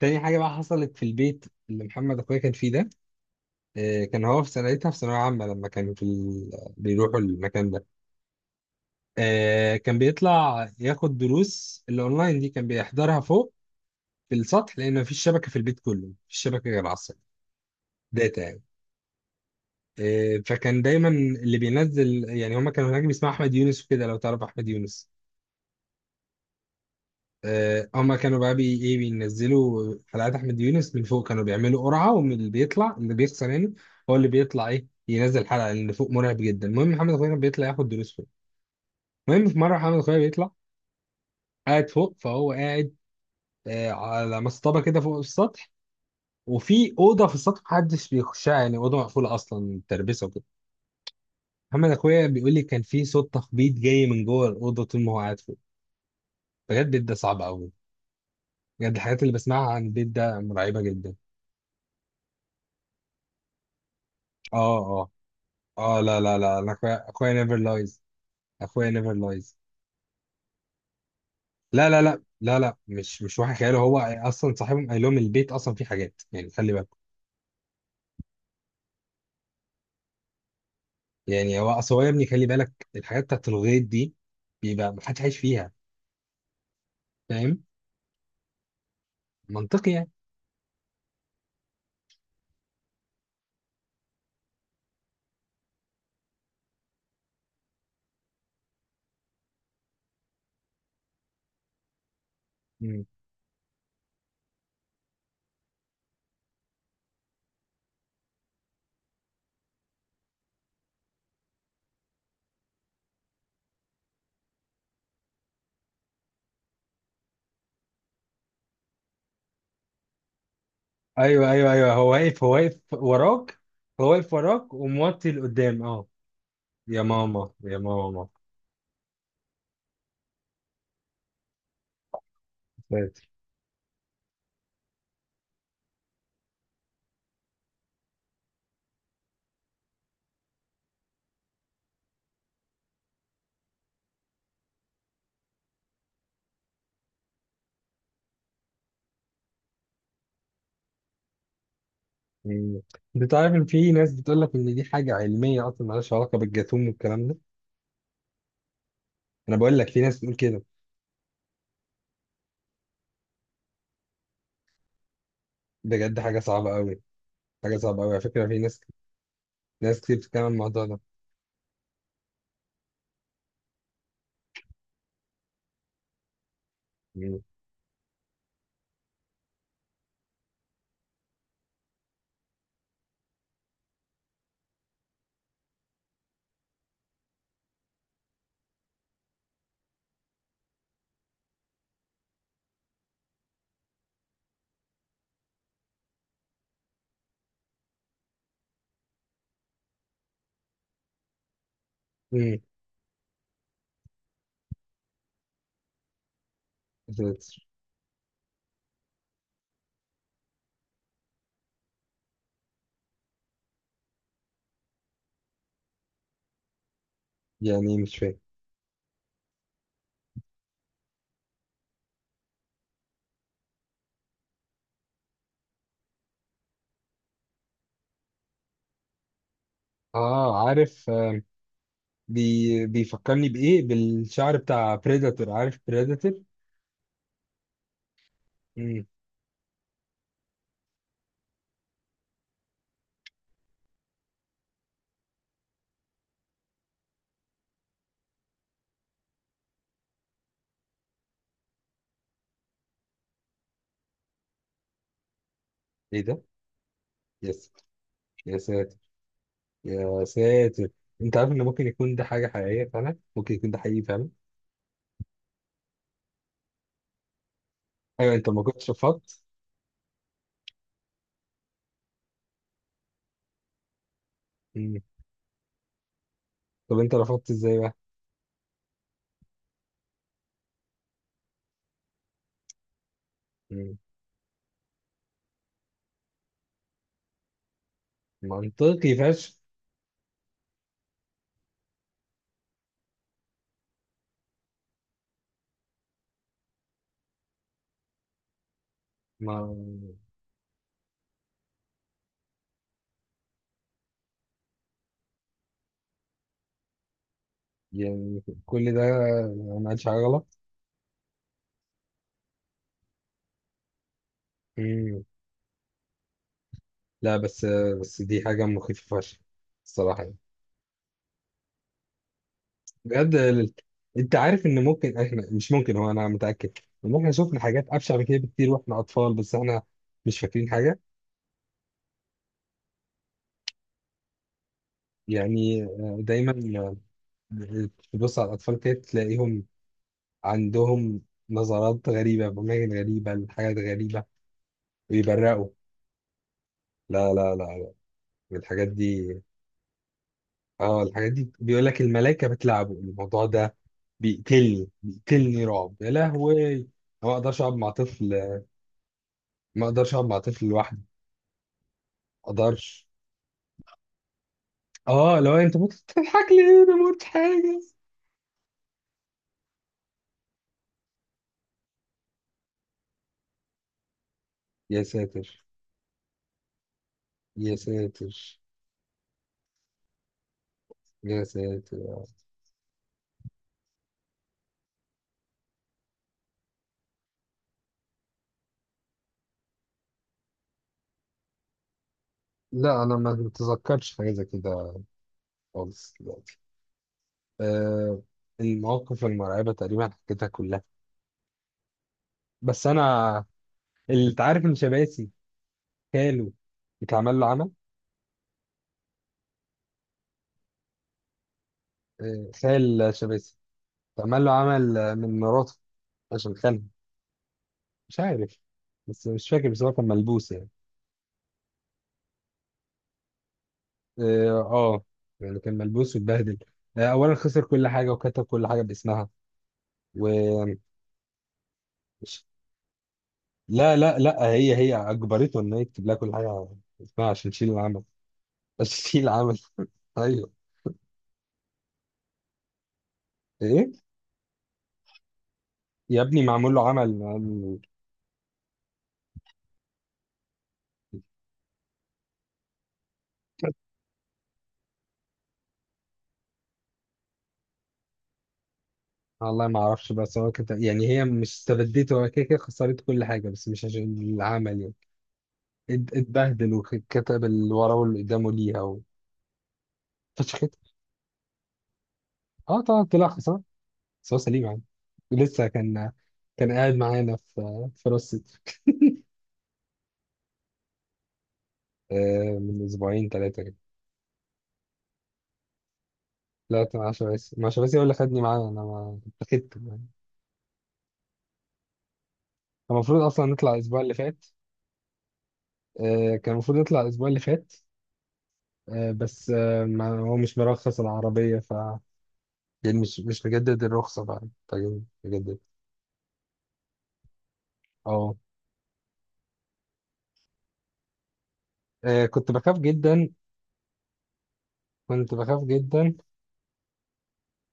تاني حاجة بقى حصلت في البيت اللي محمد أخويا كان فيه ده. كان هو في سنتها في ثانوية عامة لما كانوا في بيروحوا المكان ده. كان بيطلع ياخد دروس الأونلاين دي، كان بيحضرها فوق في السطح لأن مفيش شبكة، في البيت كله مفيش شبكة غير على السطح. داتا يعني. فكان دايما اللي بينزل يعني، هما كانوا هناك بيسمعوا أحمد يونس وكده، لو تعرف أحمد يونس. هما كانوا بقى بي ايه بينزلوا حلقات احمد يونس من فوق، كانوا بيعملوا قرعه ومن اللي بيطلع اللي بيخسر يعني هو اللي بيطلع ينزل حلقه، اللي فوق مرعب جدا. المهم محمد اخويا كان بيطلع ياخد دروس فوق. المهم في مره محمد اخويا بيطلع، قاعد فوق، فهو قاعد على مصطبه كده فوق السطح، وفي اوضه في السطح محدش بيخشها، يعني اوضه مقفوله اصلا تربسه وكده. محمد اخويا بيقول لي كان في صوت تخبيط جاي من جوه الاوضه طول ما هو قاعد فوق. بجد البيت ده صعب قوي، بجد الحاجات اللي بسمعها عن البيت ده مرعبه جدا. اه، آه. اه، لا، لا، لا، انا اخويا نيفر لايز، اخويا نيفر لايز. لا، لا، لا، لا، لا، مش واحد خياله، هو اصلا صاحبهم قال لهم البيت اصلا فيه حاجات، يعني خلي بالك، يعني هو اصل هو يا ابني خلي بالك الحاجات بتاعت الغيط دي بيبقى ما حدش عايش فيها. فاهم؟ منطقي يعني. مم. ايوه، ايوه، ايوه، هو واقف، هو واقف وراك، هو واقف وراك وموطي لقدام، يا ماما، يا ماما. ساتر. مم. انت عارف ان في ناس بتقول لك ان دي حاجه علميه اصلا، مالهاش علاقه بالجاثوم والكلام ده. انا بقول لك في ناس بتقول كده. بجد حاجة صعبة أوي، حاجة صعبة أوي، على فكرة في ناس، ناس كتير بتتكلم عن الموضوع ده. مم. مم. يعني إيه؟ مش فاهم. اه، عارف. بيفكرني بإيه؟ بالشعر بتاع بريداتور، عارف بريداتور؟ مم. إيه ده؟ يس. يا ساتر. يا ساتر. أنت عارف إن ممكن يكون ده حاجة حقيقية فعلا، ممكن يكون ده حقيقي فعلا. أيوة، أنت ما كنتش رفضت. مم. طب أنت رفضت إزاي بقى؟ مم. منطقي فشخ. ما يعني كل ده ما عملش حاجة غلط. لا، بس، بس دي حاجة مخيفة فشخ الصراحة يعني. بجد ال- انت عارف ان ممكن احنا، مش ممكن، هو انا متأكد ان احنا شفنا حاجات ابشع من كده بكتير واحنا اطفال، بس احنا مش فاكرين حاجة. يعني دايما تبص على الاطفال كده تلاقيهم عندهم نظرات غريبة بأماكن غريبة لحاجات غريبة، ويبرقوا. لا، لا، لا، لا، الحاجات دي، اه الحاجات دي بيقول لك الملايكة بتلعبه الموضوع ده. بيقتلني، بيقتلني رعب يا لهوي أنا. ما اقدرش اقعد مع طفل، ما اقدرش اقعد مع طفل لوحدي، ما اقدرش. اه، لو انت ممكن تضحك ليه، انا ما قلتش حاجة. يا ساتر، يا ساتر، يا ساتر. لا، انا ما بتذكرش حاجة زي كده خالص دلوقتي. آه المواقف المرعبة تقريبا حكيتها كلها. بس انا، اللي انت عارف ان شباسي، خاله اتعمل له عمل. آه، خال شباسي. فعمل له عمل من مراته عشان خالها. مش عارف، بس مش فاكر، بس هو كان ملبوس يعني. اه، آه. يعني كان ملبوس واتبهدل، اولا خسر كل حاجه وكتب كل حاجه باسمها و لا، لا، لا، هي اجبرته ان هي يكتب لها كل حاجه اسمها عشان تشيل العمل، عشان تشيل العمل. ايوه. ايه؟ يا ابني معمول له عمل، والله ما اعرفش، بس هو كده يعني، هي مش استبدته، هو كده كده خسرت كل حاجه، بس مش عشان العمل يعني، اتبهدل وكتب اللي وراه واللي قدامه ليها وفشخت. اه طبعا، طلع خسران، بس هو سليم يعني، لسه كان، كان قاعد معانا في راس سدر. من اسبوعين ثلاثه كده. طلعت مع شباسي، مع شباسي، هو اللي خدني معاه، انا ما اتخذت يعني. كان المفروض اصلا نطلع الاسبوع اللي فات، كان المفروض نطلع الاسبوع اللي فات، بس ما هو مش مرخص العربيه، يعني مش مجدد الرخصه بقى. طيب مجدد. اه. كنت بخاف جدا، كنت بخاف جدا،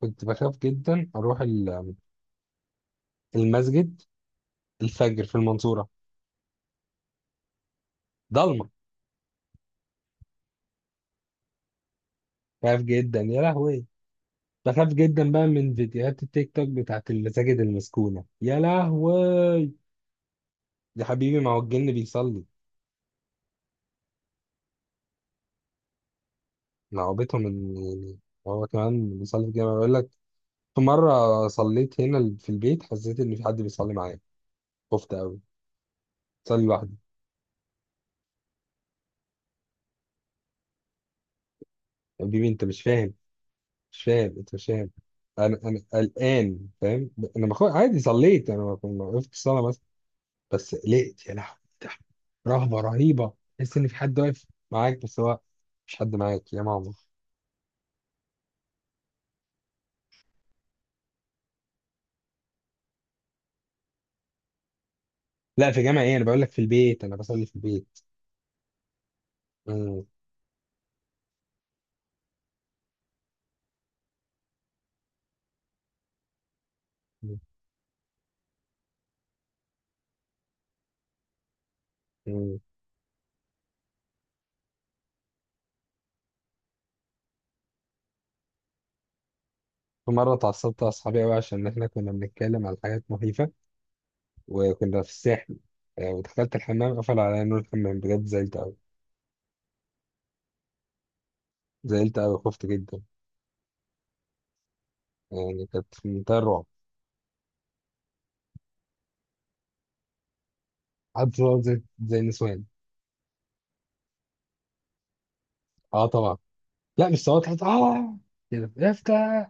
كنت بخاف جدا اروح المسجد الفجر في المنصوره، ضلمه. بخاف جدا يا لهوي، بخاف جدا بقى من فيديوهات التيك توك بتاعت المساجد المسكونه يا لهوي. يا حبيبي ما هو الجن بيصلي. لعبتهم ان يعني هو كمان بيصلي في الجامع، بيقول لك في مره صليت هنا في البيت، حسيت ان في حد بيصلي معايا. خفت قوي. صلي لوحدي. يا حبيبي انت مش فاهم، مش فاهم، انت مش فاهم. انا قلقان فاهم. انا بخاف عادي، صليت، انا ما وقفت الصلاه، بس قلقت يا لهوي. إيه ده؟ رهبة رهيبة، تحس ان في حد واقف معاك بس هو مش حد معاك يا ماما. لا، في جامعة ايه؟ انا بقول لك في البيت، انا بصلي في البيت. مم. مم. في مرة اتعصبت على اصحابي قوي عشان احنا كنا بنتكلم على حاجات مخيفة، وكنا في الساحل. ودخلت الحمام قفل عليا نور الحمام، بجد زعلت قوي، زعلت قوي، خفت جدا، يعني كانت في منتهى الرعب. قعدت صوت زي النسوان. اه طبعا. لا، مش صوت حتى، كده افتح